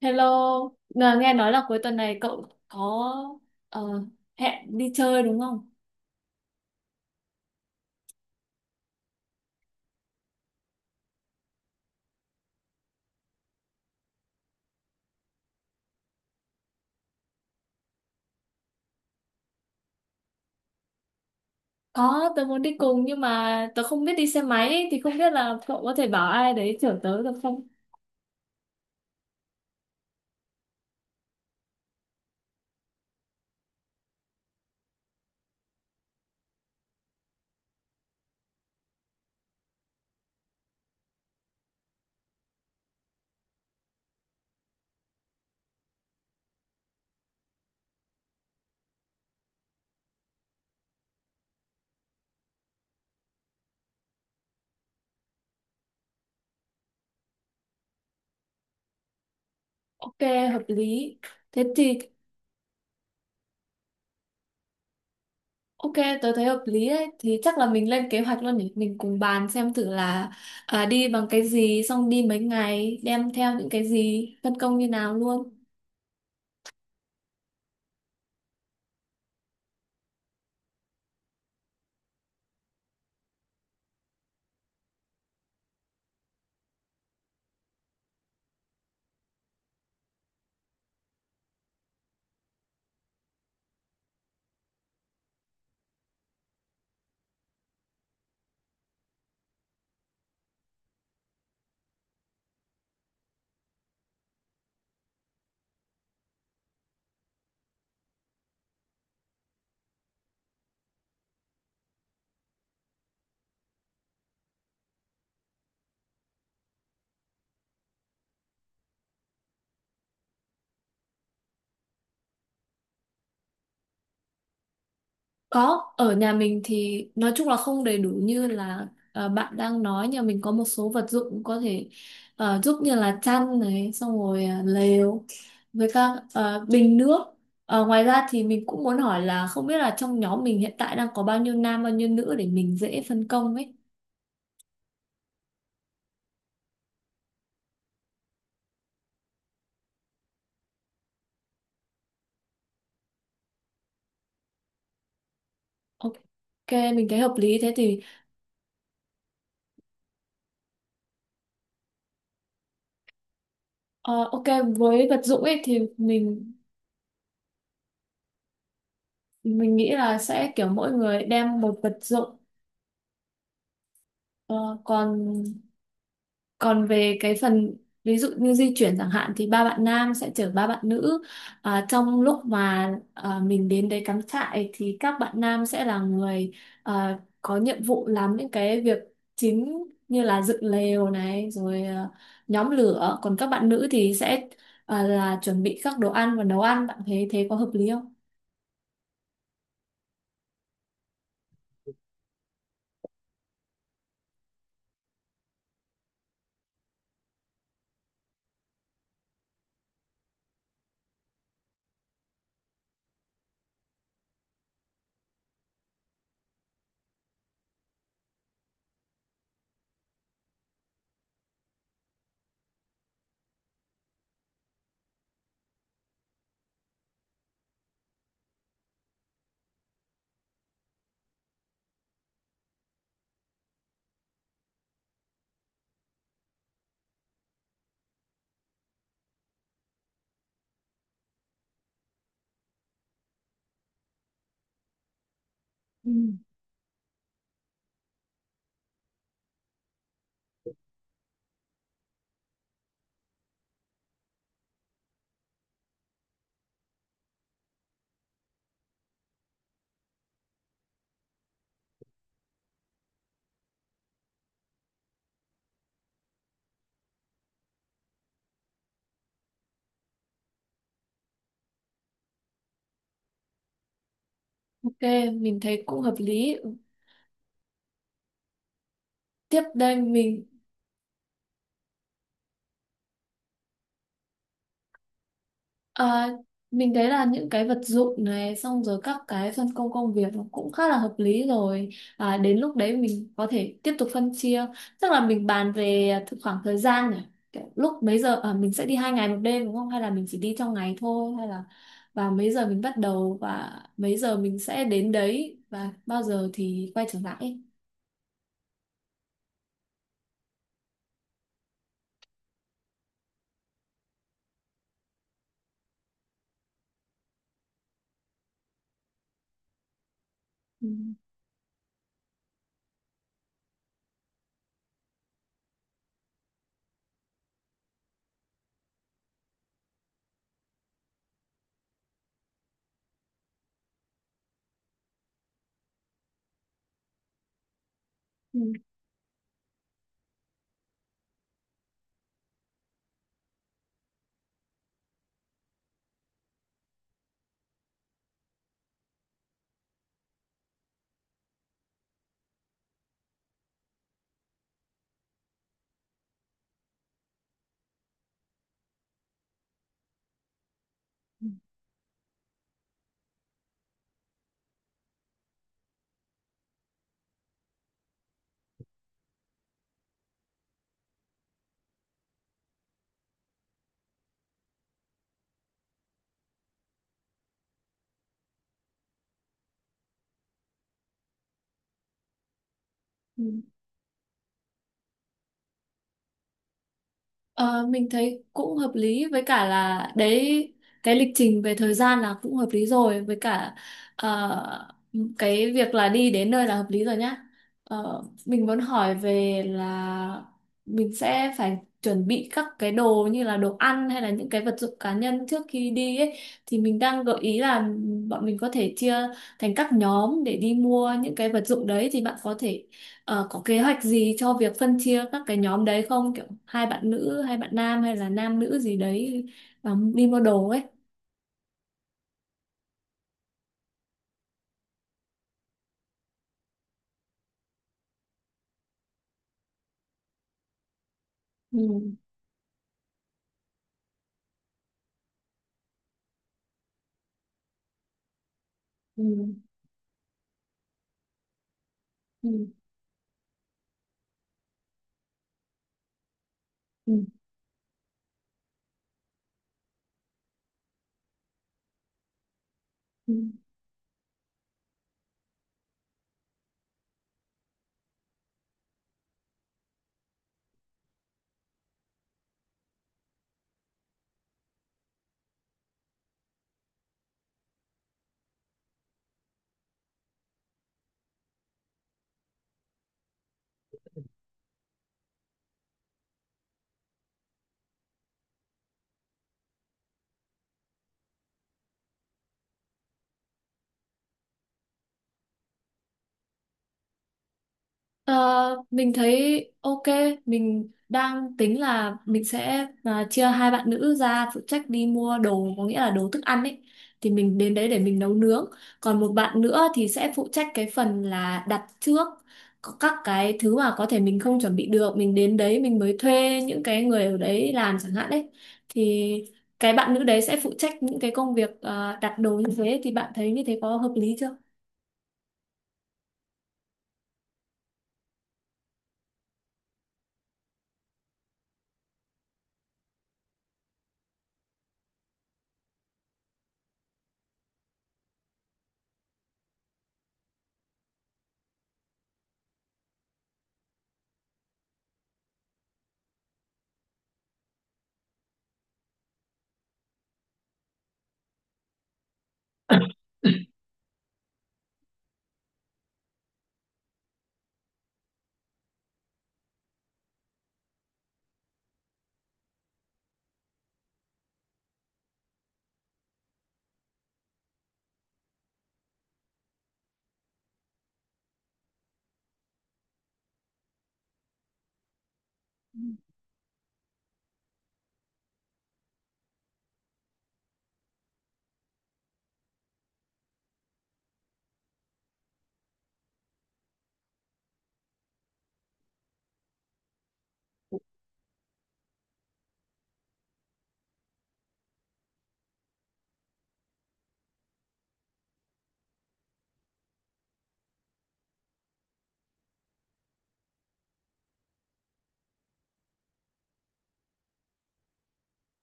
Hello, nghe nói là cuối tuần này cậu có ờ, hẹn đi chơi đúng không? Có, tớ muốn đi cùng nhưng mà tớ không biết đi xe máy ấy, thì không biết là cậu có thể bảo ai đấy chở tớ được không? Ok, hợp lý. Thế thì ok, tớ thấy hợp lý đấy. Thì chắc là mình lên kế hoạch luôn nhỉ. Mình cùng bàn xem thử là đi bằng cái gì, xong đi mấy ngày, đem theo những cái gì, phân công như nào luôn. Có, ở nhà mình thì nói chung là không đầy đủ như là bạn đang nói nhà mình có một số vật dụng có thể giúp như là chăn này, xong rồi lều với các bình nước. Ngoài ra thì mình cũng muốn hỏi là không biết là trong nhóm mình hiện tại đang có bao nhiêu nam bao nhiêu nữ để mình dễ phân công ấy. Ok, mình thấy hợp lý thế thì ờ, ok với vật dụng ấy thì mình nghĩ là sẽ kiểu mỗi người đem một vật dụng. Ờ, còn Còn về cái phần ví dụ như di chuyển chẳng hạn thì ba bạn nam sẽ chở ba bạn nữ. À, trong lúc mà mình đến đấy cắm trại thì các bạn nam sẽ là người có nhiệm vụ làm những cái việc chính như là dựng lều này rồi nhóm lửa. Còn các bạn nữ thì sẽ là chuẩn bị các đồ ăn và nấu ăn. Bạn thấy thế có hợp lý không? Ừ. Ok, mình thấy cũng hợp lý. Tiếp đây mình Ờ, Mình thấy là những cái vật dụng này xong rồi các cái phân công công việc nó cũng khá là hợp lý rồi đến lúc đấy mình có thể tiếp tục phân chia tức là mình bàn về khoảng thời gian này. Kiểu lúc mấy giờ mình sẽ đi 2 ngày 1 đêm đúng không, hay là mình chỉ đi trong ngày thôi, hay là và mấy giờ mình bắt đầu và mấy giờ mình sẽ đến đấy và bao giờ thì quay trở lại ấy. Ừ. Ừ. Ờ, mình thấy cũng hợp lý với cả là đấy cái lịch trình về thời gian là cũng hợp lý rồi, với cả ờ, cái việc là đi đến nơi là hợp lý rồi nhá. Mình muốn hỏi về là mình sẽ phải chuẩn bị các cái đồ như là đồ ăn hay là những cái vật dụng cá nhân trước khi đi ấy, thì mình đang gợi ý là bọn mình có thể chia thành các nhóm để đi mua những cái vật dụng đấy. Thì bạn có thể có kế hoạch gì cho việc phân chia các cái nhóm đấy không? Kiểu hai bạn nữ, hai bạn nam hay là nam nữ gì đấy đi mua đồ ấy. Ừ. Ừ. Ừ. Ừ. Ừ. Ờ, mình thấy ok, mình đang tính là mình sẽ chia hai bạn nữ ra phụ trách đi mua đồ, có nghĩa là đồ thức ăn ấy. Thì mình đến đấy để mình nấu nướng. Còn một bạn nữa thì sẽ phụ trách cái phần là đặt trước có các cái thứ mà có thể mình không chuẩn bị được. Mình đến đấy mình mới thuê những cái người ở đấy làm chẳng hạn đấy. Thì cái bạn nữ đấy sẽ phụ trách những cái công việc đặt đồ như thế. Thì bạn thấy như thế có hợp lý chưa?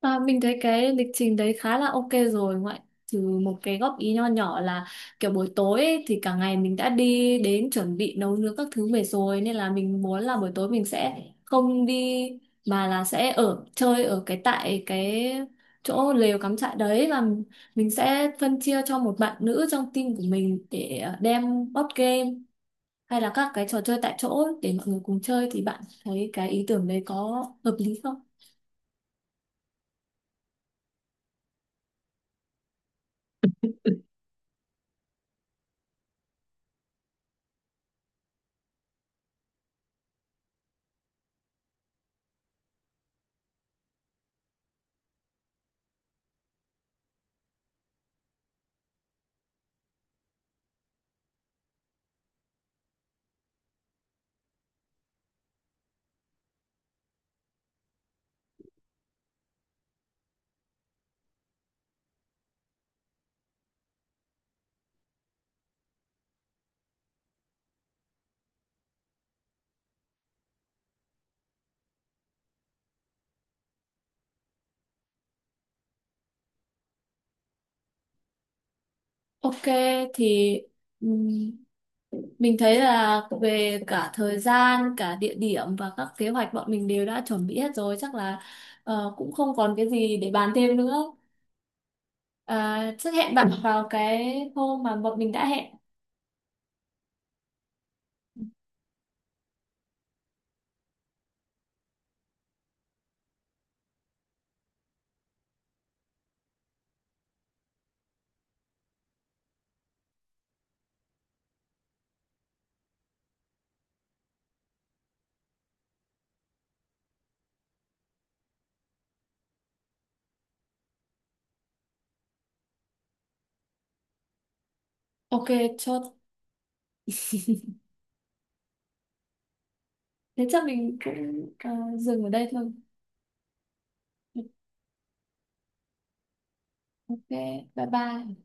À, mình thấy cái lịch trình đấy khá là ok rồi, ngoại trừ một cái góp ý nho nhỏ là kiểu buổi tối ấy, thì cả ngày mình đã đi đến chuẩn bị nấu nướng các thứ về rồi nên là mình muốn là buổi tối mình sẽ không đi mà là sẽ ở chơi ở cái tại cái chỗ lều cắm trại đấy, và mình sẽ phân chia cho một bạn nữ trong team của mình để đem board game hay là các cái trò chơi tại chỗ để mọi người cùng chơi. Thì bạn thấy cái ý tưởng đấy có hợp lý không? Ok, thì ừm, mình thấy là về cả thời gian, cả địa điểm và các kế hoạch bọn mình đều đã chuẩn bị hết rồi, chắc là cũng không còn cái gì để bàn thêm nữa. À, chắc hẹn bạn vào cái hôm mà bọn mình đã hẹn. Ok, chốt. Thế chắc mình cũng dừng ở đây thôi. Ok, bye bye.